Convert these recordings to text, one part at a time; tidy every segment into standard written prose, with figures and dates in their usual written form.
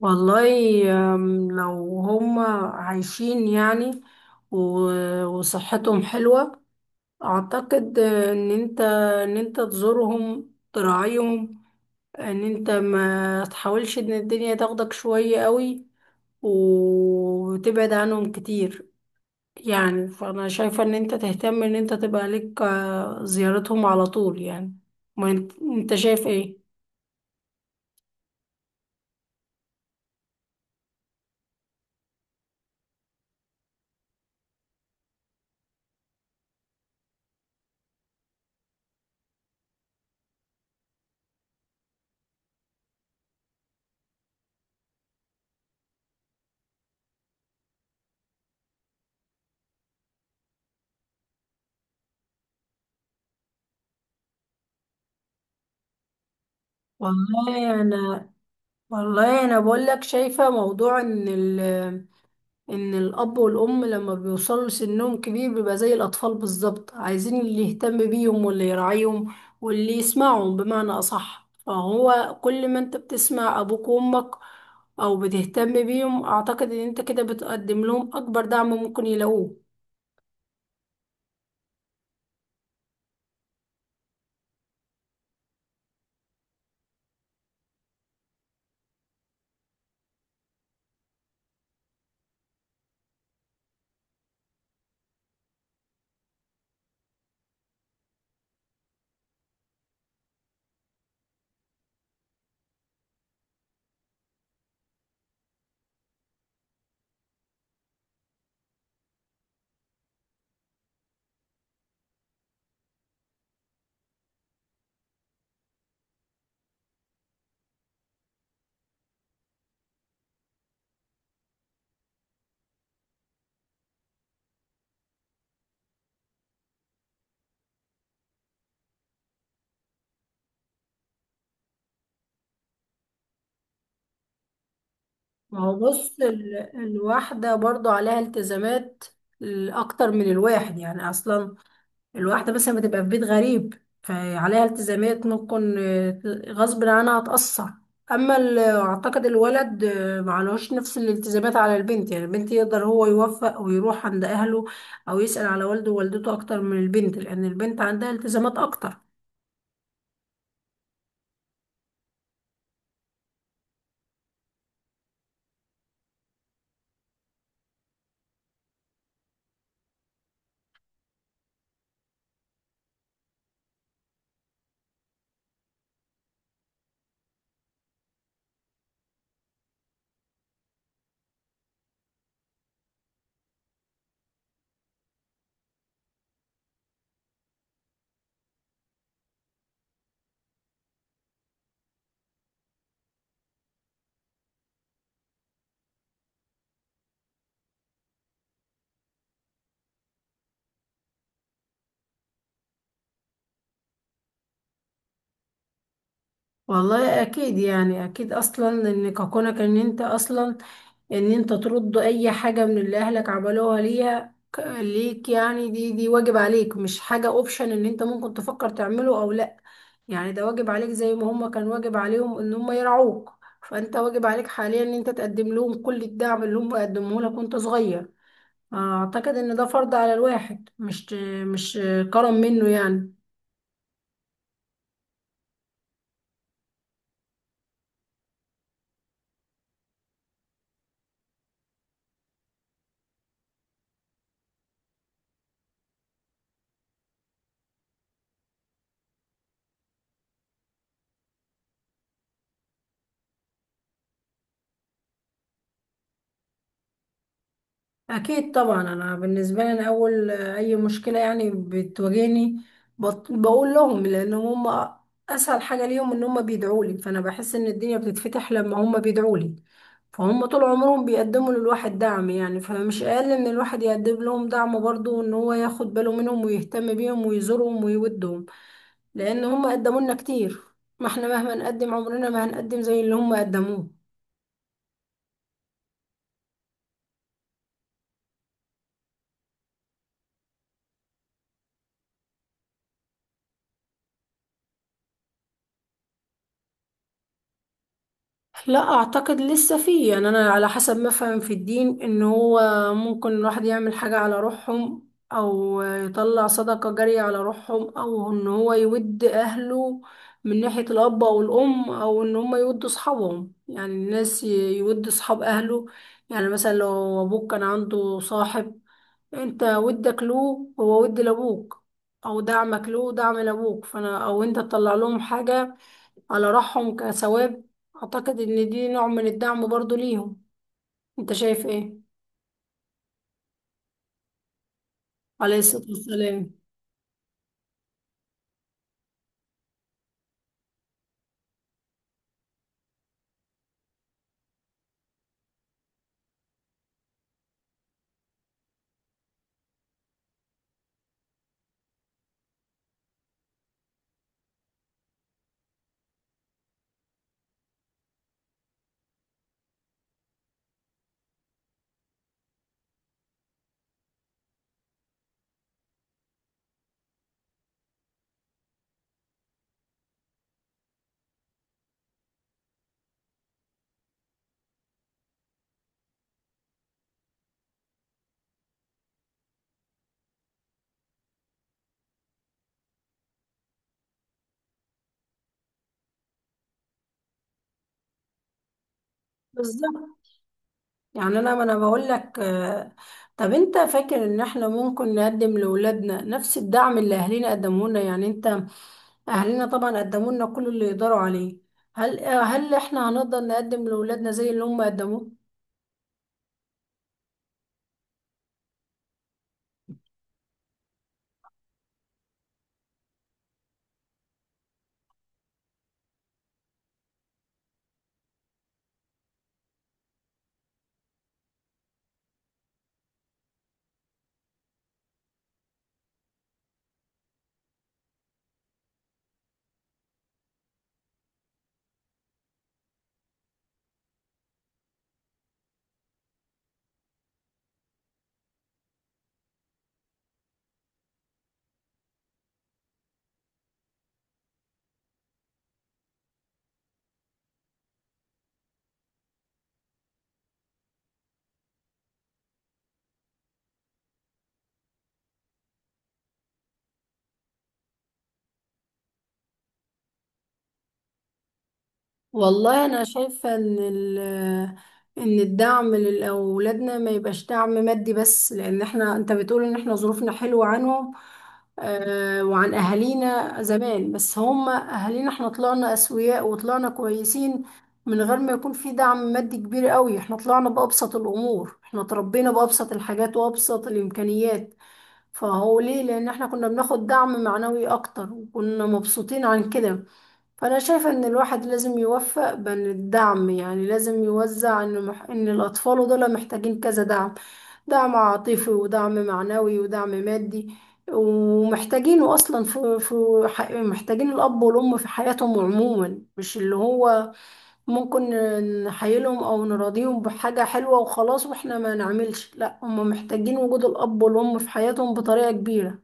والله، لو هم عايشين يعني، وصحتهم حلوة. أعتقد إن أنت تزورهم تراعيهم، إن أنت ما تحاولش إن الدنيا تاخدك شوية قوي وتبعد عنهم كتير. يعني فأنا شايفة إن أنت تهتم إن أنت تبقى لك زيارتهم على طول يعني. ما أنت شايف إيه؟ والله أنا والله أنا بقول لك شايفة موضوع إن ان الاب والام لما بيوصلوا سنهم كبير بيبقى زي الاطفال بالظبط، عايزين اللي يهتم بيهم واللي يراعيهم واللي يسمعهم بمعنى اصح. فهو كل ما انت بتسمع ابوك وامك او بتهتم بيهم، اعتقد ان انت كده بتقدم لهم اكبر دعم ممكن يلاقوه. ما هو بص، الواحدة برضو عليها التزامات اكتر من الواحد، يعني اصلا الواحدة مثلا بتبقى في بيت غريب، فعليها التزامات ممكن غصب عنها هتأثر. أما أعتقد الولد معلوش نفس الالتزامات على البنت، يعني البنت يقدر هو يوفق ويروح عند أهله أو يسأل على والده ووالدته أكتر من البنت، لأن البنت عندها التزامات أكتر. والله أكيد، يعني أكيد أصلا إن كونك إن أنت أصلا ان انت ترد اي حاجة من اللي اهلك عملوها ليها ليك، يعني دي واجب عليك مش حاجة اوبشن ان انت ممكن تفكر تعمله او لا. يعني ده واجب عليك زي ما هما كان واجب عليهم ان هما يرعوك. فانت واجب عليك حاليا ان انت تقدم لهم كل الدعم اللي هما قدموه لك وانت صغير. اعتقد ان ده فرض على الواحد، مش كرم منه يعني. أكيد طبعا. أنا بالنسبة لي، أنا أول أي مشكلة يعني بتواجهني، بقول لهم، لأن هم أسهل حاجة ليهم إن هم بيدعوا لي. فأنا بحس إن الدنيا بتتفتح لما هم بيدعوا لي. فهم طول عمرهم بيقدموا للواحد دعم، يعني فمش أقل إن الواحد يقدم لهم دعم برضه إن هو ياخد باله منهم ويهتم بيهم ويزورهم ويودهم، لأن هم قدموا لنا كتير. ما إحنا مهما نقدم، عمرنا ما هنقدم زي اللي هم قدموه. لا، اعتقد لسه فيه يعني، انا على حسب ما فهم في الدين ان هو ممكن الواحد يعمل حاجة على روحهم او يطلع صدقة جارية على روحهم، او ان هو يود اهله من ناحية الاب او الام، او ان هم يودوا اصحابهم، يعني الناس يود اصحاب اهله. يعني مثلا لو ابوك كان عنده صاحب، انت ودك له، هو ود لابوك، او دعمك له دعم لابوك، فانا او انت تطلع لهم حاجة على روحهم كثواب. اعتقد ان دي نوع من الدعم برضو ليهم. انت شايف ايه؟ عليه الصلاة والسلام. بالظبط. يعني انا، ما انا بقول لك، طب انت فاكر ان احنا ممكن نقدم لاولادنا نفس الدعم اللي اهالينا قدموه لنا؟ يعني انت، اهالينا طبعا قدموا لنا كل اللي يقدروا عليه، هل احنا هنقدر نقدم لاولادنا زي اللي هم قدموه؟ والله انا شايفة ان ان الدعم لاولادنا ما يبقاش دعم مادي بس، لان احنا انت بتقول ان احنا ظروفنا حلوة عنهم وعن اهالينا زمان، بس هم اهالينا احنا طلعنا اسوياء وطلعنا كويسين من غير ما يكون في دعم مادي كبير قوي. احنا طلعنا بأبسط الامور، احنا تربينا بأبسط الحاجات وأبسط الامكانيات. فهو ليه؟ لان احنا كنا بناخد دعم معنوي اكتر وكنا مبسوطين عن كده. فأنا شايفة إن الواحد لازم يوفق بين الدعم، يعني لازم يوزع إن إن الأطفال دول محتاجين كذا دعم: دعم عاطفي ودعم معنوي ودعم مادي. ومحتاجينه أصلا في في محتاجين الأب والأم في حياتهم عموما، مش اللي هو ممكن نحيلهم أو نراضيهم بحاجة حلوة وخلاص وإحنا ما نعملش، لا، هم محتاجين وجود الأب والأم في حياتهم بطريقة كبيرة.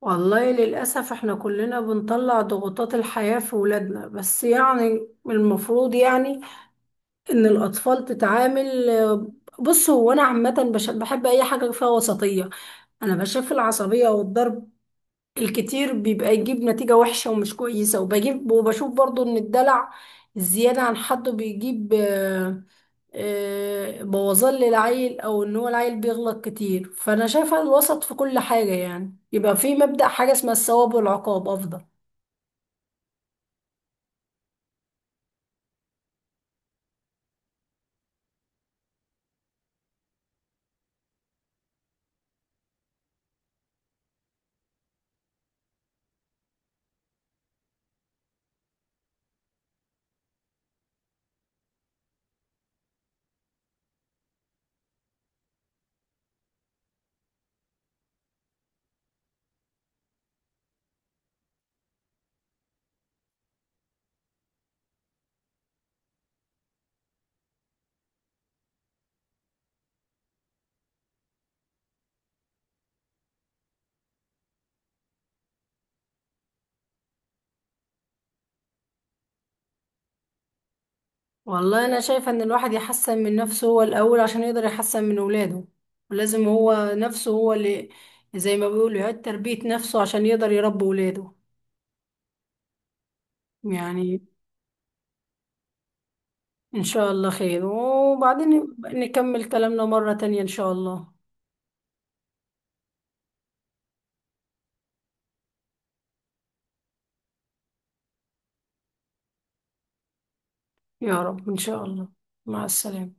والله للأسف احنا كلنا بنطلع ضغوطات الحياة في ولادنا، بس يعني المفروض يعني ان الأطفال تتعامل. بص، هو أنا عامة بحب أي حاجة فيها وسطية. أنا بشوف العصبية والضرب الكتير بيبقى يجيب نتيجة وحشة ومش كويسة، وبجيب وبشوف برضو ان الدلع الزيادة عن حده بيجيب بوظان للعيل، او ان هو العيل بيغلط كتير، فانا شايفه الوسط في كل حاجه، يعني يبقى في مبدأ حاجه اسمها الثواب والعقاب افضل. والله انا شايفه ان الواحد يحسن من نفسه هو الاول عشان يقدر يحسن من اولاده، ولازم هو نفسه هو اللي زي ما بيقولوا يعيد تربيه نفسه عشان يقدر يربي اولاده يعني. ان شاء الله خير، وبعدين نبقى نكمل كلامنا مره تانية ان شاء الله. يا رب ان شاء الله. مع السلامه.